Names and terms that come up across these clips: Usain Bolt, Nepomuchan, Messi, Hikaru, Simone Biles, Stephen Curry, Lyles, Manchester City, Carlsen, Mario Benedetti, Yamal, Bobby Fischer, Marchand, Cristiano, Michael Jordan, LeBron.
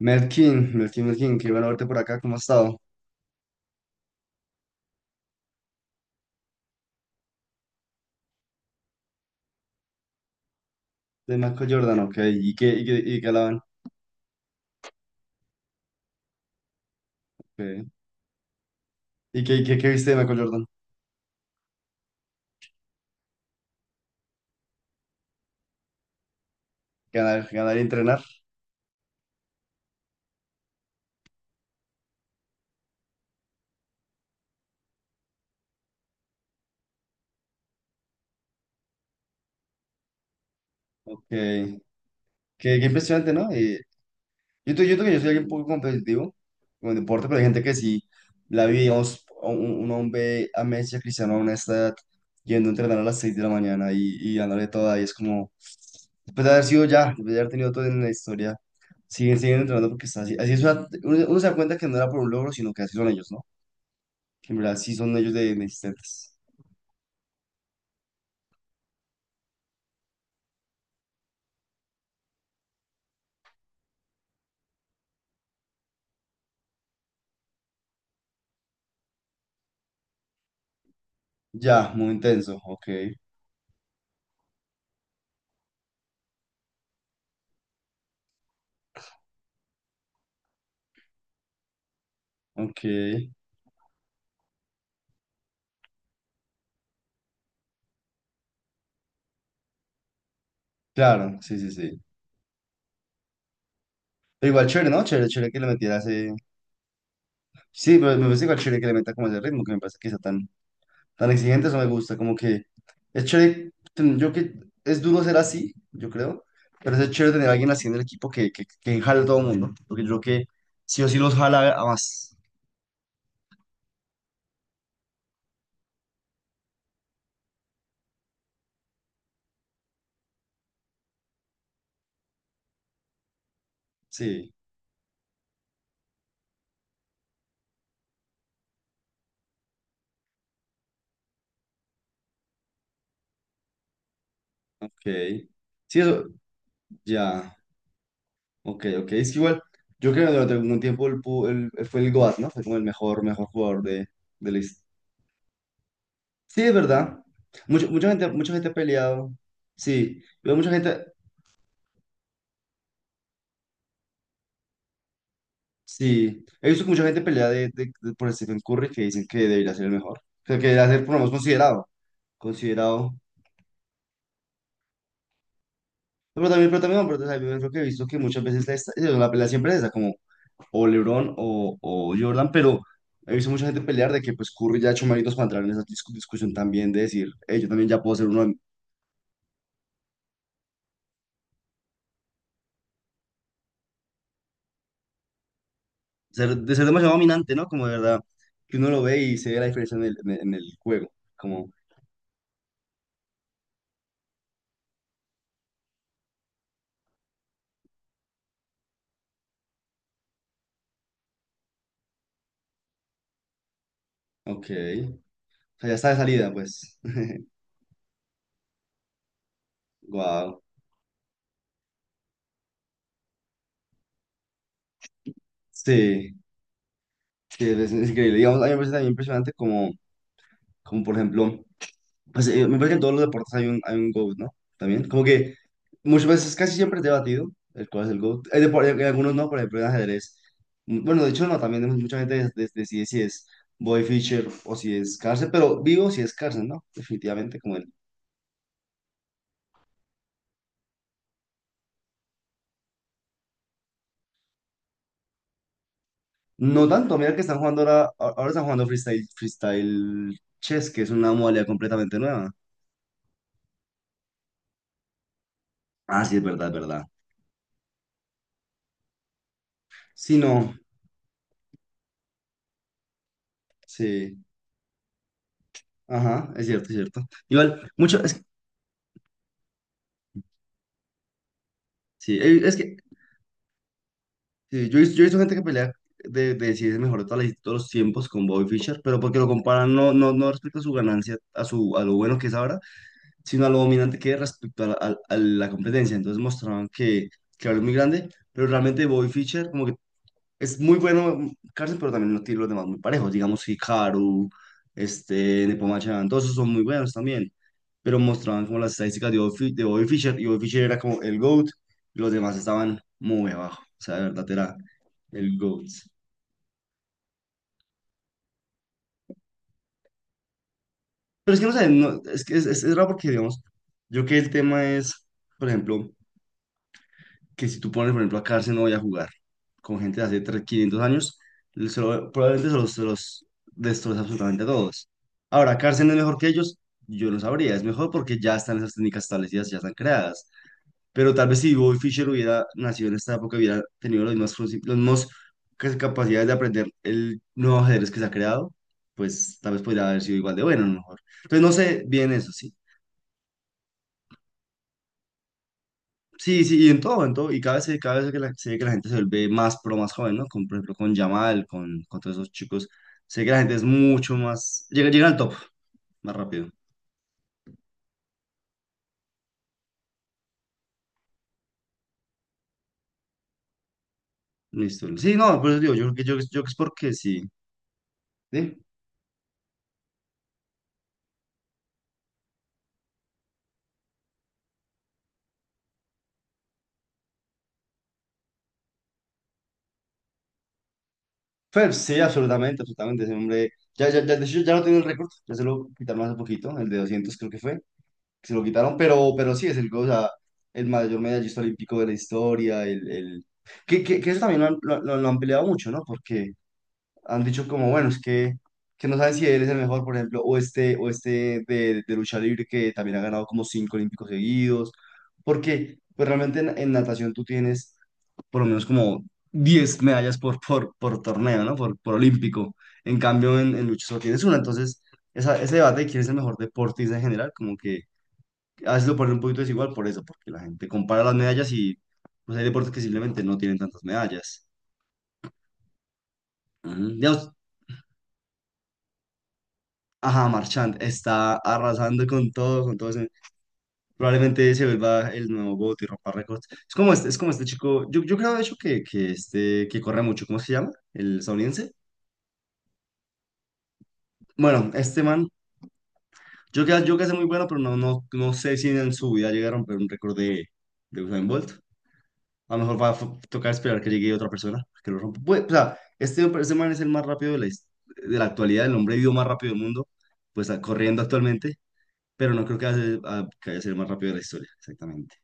Melkin, Melkin, Melkin, qué bueno verte por acá, ¿cómo has estado? De Michael Jordan, ok, ¿y qué hablaban? Ok. ¿Y qué viste de Michael Jordan? Ganar, ganar y entrenar, ok, qué impresionante, ¿no? Y yo creo que yo soy alguien un poco competitivo con el deporte, pero hay gente que sí la vi, digamos, a un hombre a Messi, a Cristiano a una esta edad, yendo a entrenar a las 6 de la mañana y dándole toda, y es como, después de haber sido ya, después de haber tenido todo en la historia, siguen entrenando porque está así. Así es uno se da cuenta que no era por un logro, sino que así son ellos, ¿no? Que en verdad sí son ellos de insistentes. Ya, muy intenso, ok, ok, claro, sí, sí, sí. Pero igual chévere, ¿no? Chévere, chévere que le metieras sí, pero me parece igual chévere que le meta como ese ritmo, que me parece que sea tan, tan exigente, eso me gusta, como que es chévere, yo que es duro ser así, yo creo, pero es chévere tener a alguien así en el equipo que jale a todo el mundo, porque yo creo que sí o sí los jala a más. Sí, ok. Sí, eso, ya, ok, ok, es que igual, yo creo que durante algún tiempo el, pu- el- fue el GOAT, ¿no? Fue como el mejor, mejor jugador de, de la his- sí, es verdad. Mucha gente, mucha gente ha peleado, sí, pero mucha gente... Sí, he visto que mucha gente pelea de, por Stephen Curry que dicen que debería ser el mejor. Creo que debería ser, por lo menos, considerado. Considerado. Pero también, no, pero también creo que he visto que muchas veces la, la pelea siempre es esa, como o LeBron o Jordan, pero he visto mucha gente pelear de que pues Curry ya ha hecho méritos para entrar en esa discusión también de decir, yo también ya puedo ser uno, ser, de ser demasiado dominante, ¿no?" Como de verdad, que uno lo ve y se ve la diferencia en el, en el juego. Como, ok, o sea, ya está de salida, pues. Wow. Sí. Sí, es increíble. Digamos, a mí me parece también impresionante como, como por ejemplo, pues, me parece que en todos los deportes hay un GOAT, ¿no? También, como que muchas veces, casi siempre es debatido el cuál es el GOAT. Hay en algunos no, por ejemplo, en ajedrez. Bueno, de hecho no, también mucha gente decide si es Boy Fischer o si es Carlsen, pero vivo si es Carlsen, ¿no? Definitivamente, como él. No tanto, mira que están jugando ahora, ahora están jugando freestyle, freestyle chess, que es una modalidad completamente nueva. Ah, sí, es verdad, es verdad. Sí, no, sí. Ajá, es cierto, es cierto. Igual, mucho, es, sí, es que sí, yo, yo he visto gente que pelea de si es el mejor de todas todos los tiempos con Bobby Fischer, pero porque lo comparan no, no, no respecto a su ganancia, a, su, a lo bueno que es ahora, sino a lo dominante que es respecto a la, a la competencia. Entonces mostraban que ahora es muy grande, pero realmente Bobby Fischer como que es muy bueno Carson, pero también no tiene los demás muy parejos. Digamos, Hikaru, este, Nepomuchan, todos esos son muy buenos también. Pero mostraban como las estadísticas de Bobby, de Bobby Fischer, y Bobby Fischer era como el GOAT, y los demás estaban muy abajo. O sea, de verdad era el GOAT. Pero es que no sé, es que es raro porque, digamos, yo que el tema es, por ejemplo, que si tú pones, por ejemplo, a cárcel no voy a jugar con gente de hace 300, 500 años, probablemente se los destroza absolutamente a todos. Ahora, cárcel es mejor que ellos, yo no sabría, es mejor porque ya están esas técnicas establecidas, ya están creadas. Pero tal vez si Bobby Fischer hubiera nacido en esta época, hubiera tenido los mismos, los mismos capacidades de aprender el nuevo ajedrez que se ha creado, pues tal vez podría haber sido igual de bueno, a lo mejor. Entonces, no sé bien eso, sí. Sí, sí, y en todo, y cada vez, cada vez que se ve que la gente se vuelve más pro, más joven, ¿no? Con, por ejemplo, con Yamal, con todos esos chicos, se ve que la gente es mucho más, llega, llega al top más rápido, listo. Sí, no, por eso digo, yo creo que, yo creo que es porque sí, ¿sí? Pues sí, absolutamente, absolutamente, ese hombre, ya, ya, ya, de hecho ya no tiene el récord, ya se lo quitaron hace poquito, el de 200 creo que fue, que se lo quitaron, pero sí, es el, o sea, el mayor medallista olímpico de la historia, el... Que eso también lo han, lo, lo han peleado mucho, ¿no? Porque han dicho como, bueno, es que no saben si él es el mejor, por ejemplo, o este de lucha libre que también ha ganado como 5 olímpicos seguidos, porque pues realmente en natación tú tienes por lo menos como 10 medallas por, por torneo, ¿no? Por olímpico. En cambio, en lucha solo tienes una, entonces esa, ese debate de quién es el mejor deportista en general, como que a veces lo ponen un poquito desigual por eso, porque la gente compara las medallas y pues hay deportes que simplemente no tienen tantas medallas. Ujú. Digamos, ajá, Marchand está arrasando con todo, con todo. Probablemente se vuelva el nuevo GOAT y rompa récords. Es como este chico, yo creo de hecho que este, que corre mucho, ¿cómo se llama? El estadounidense. Bueno, este man, yo creo que es muy bueno, pero no, no, no sé si en su vida llega a romper un récord de Usain Bolt. A lo mejor va a tocar esperar que llegue otra persona que lo rompa. Pues, o sea, este man es el más rápido de la, de la actualidad, el hombre vivo más rápido del mundo, pues ah, corriendo actualmente. Pero no creo que vaya, a, que vaya a ser el más rápido de la historia, exactamente.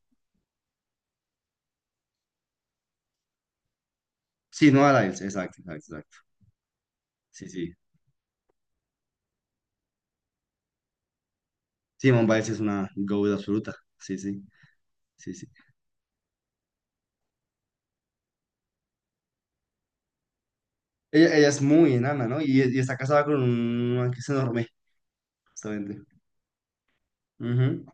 Sí, no a Lyles, exacto, exacto, exacto. Sí, sí. Sí, Simone Biles es una goat absoluta. Sí, sí, sí, sí. Ella es muy enana, ¿no? Y está casada con un man que es enorme, justamente. Ujú.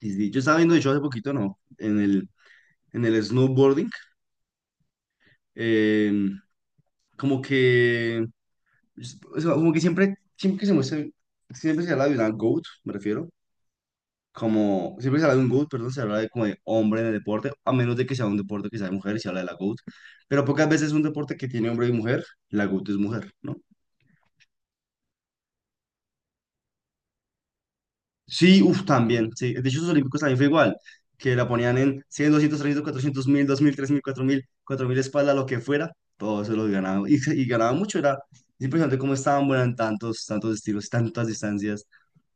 Sí, sí. Yo estaba viendo, de hecho, hace poquito, ¿no? En el snowboarding, eh, como que, o sea, como que siempre, siempre que se muestra, siempre se habla de una goat, me refiero, como siempre se habla de un GOAT, perdón, se habla de como de hombre en el deporte, a menos de que sea un deporte que sea de mujer y se habla de la GOAT, pero pocas veces un deporte que tiene hombre y mujer, la GOAT es mujer, ¿no? Sí, uff, también, sí, de hecho los olímpicos también fue igual, que la ponían en 100, 200, 300, 400, 1000, 2000, 1000, 3000, 4000, 4000 espalda, lo que fuera, todo eso lo ganaba, y ganaba mucho, era es impresionante cómo estaban buenas en tantos, tantos estilos, tantas distancias,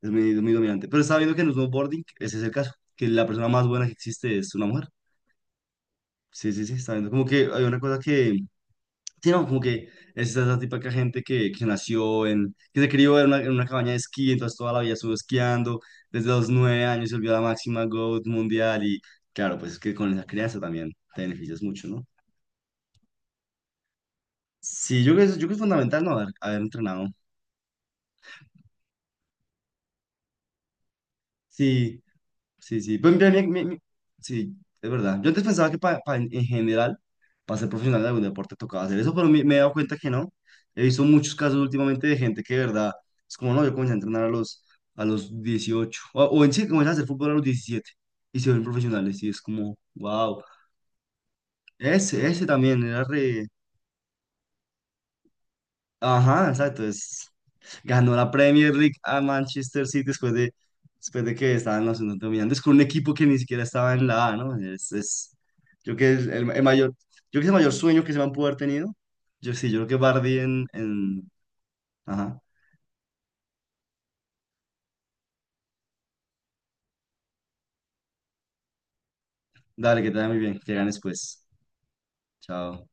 es muy, muy dominante, pero estaba viendo que en el snowboarding ese es el caso, que la persona más buena que existe es una mujer. Sí, sí, sí, está viendo. Como que hay una cosa que, sí, no, como que es esa esa típica gente que nació en, que se crió en una cabaña de esquí, entonces toda la vida estuvo esquiando, desde los 9 años se volvió la máxima GOAT mundial y claro, pues es que con esa crianza también te beneficias mucho, ¿no? Sí, yo creo que es, yo creo que es fundamental no haber, haber entrenado. Sí, sí, sí. Pues, mira, sí, es verdad. Yo antes pensaba que para ser profesional de algún deporte tocaba hacer eso, pero me he dado cuenta que no. He visto muchos casos últimamente de gente que de verdad es como, no, yo comencé a entrenar a los 18 o en sí, comencé a hacer fútbol a los 17 y se ven profesionales y es como, wow, ese también era re... Ajá, exacto, es ganó la Premier League a Manchester City después de que estaban los dominantes con un equipo que ni siquiera estaba en la A, ¿no? Es, yo creo que es el mayor, yo creo que es el mayor sueño que se van pudo haber tenido. Yo sí, yo creo que Bardi en... Ajá. Dale, que te vaya muy bien. Que ganes pues. Chao.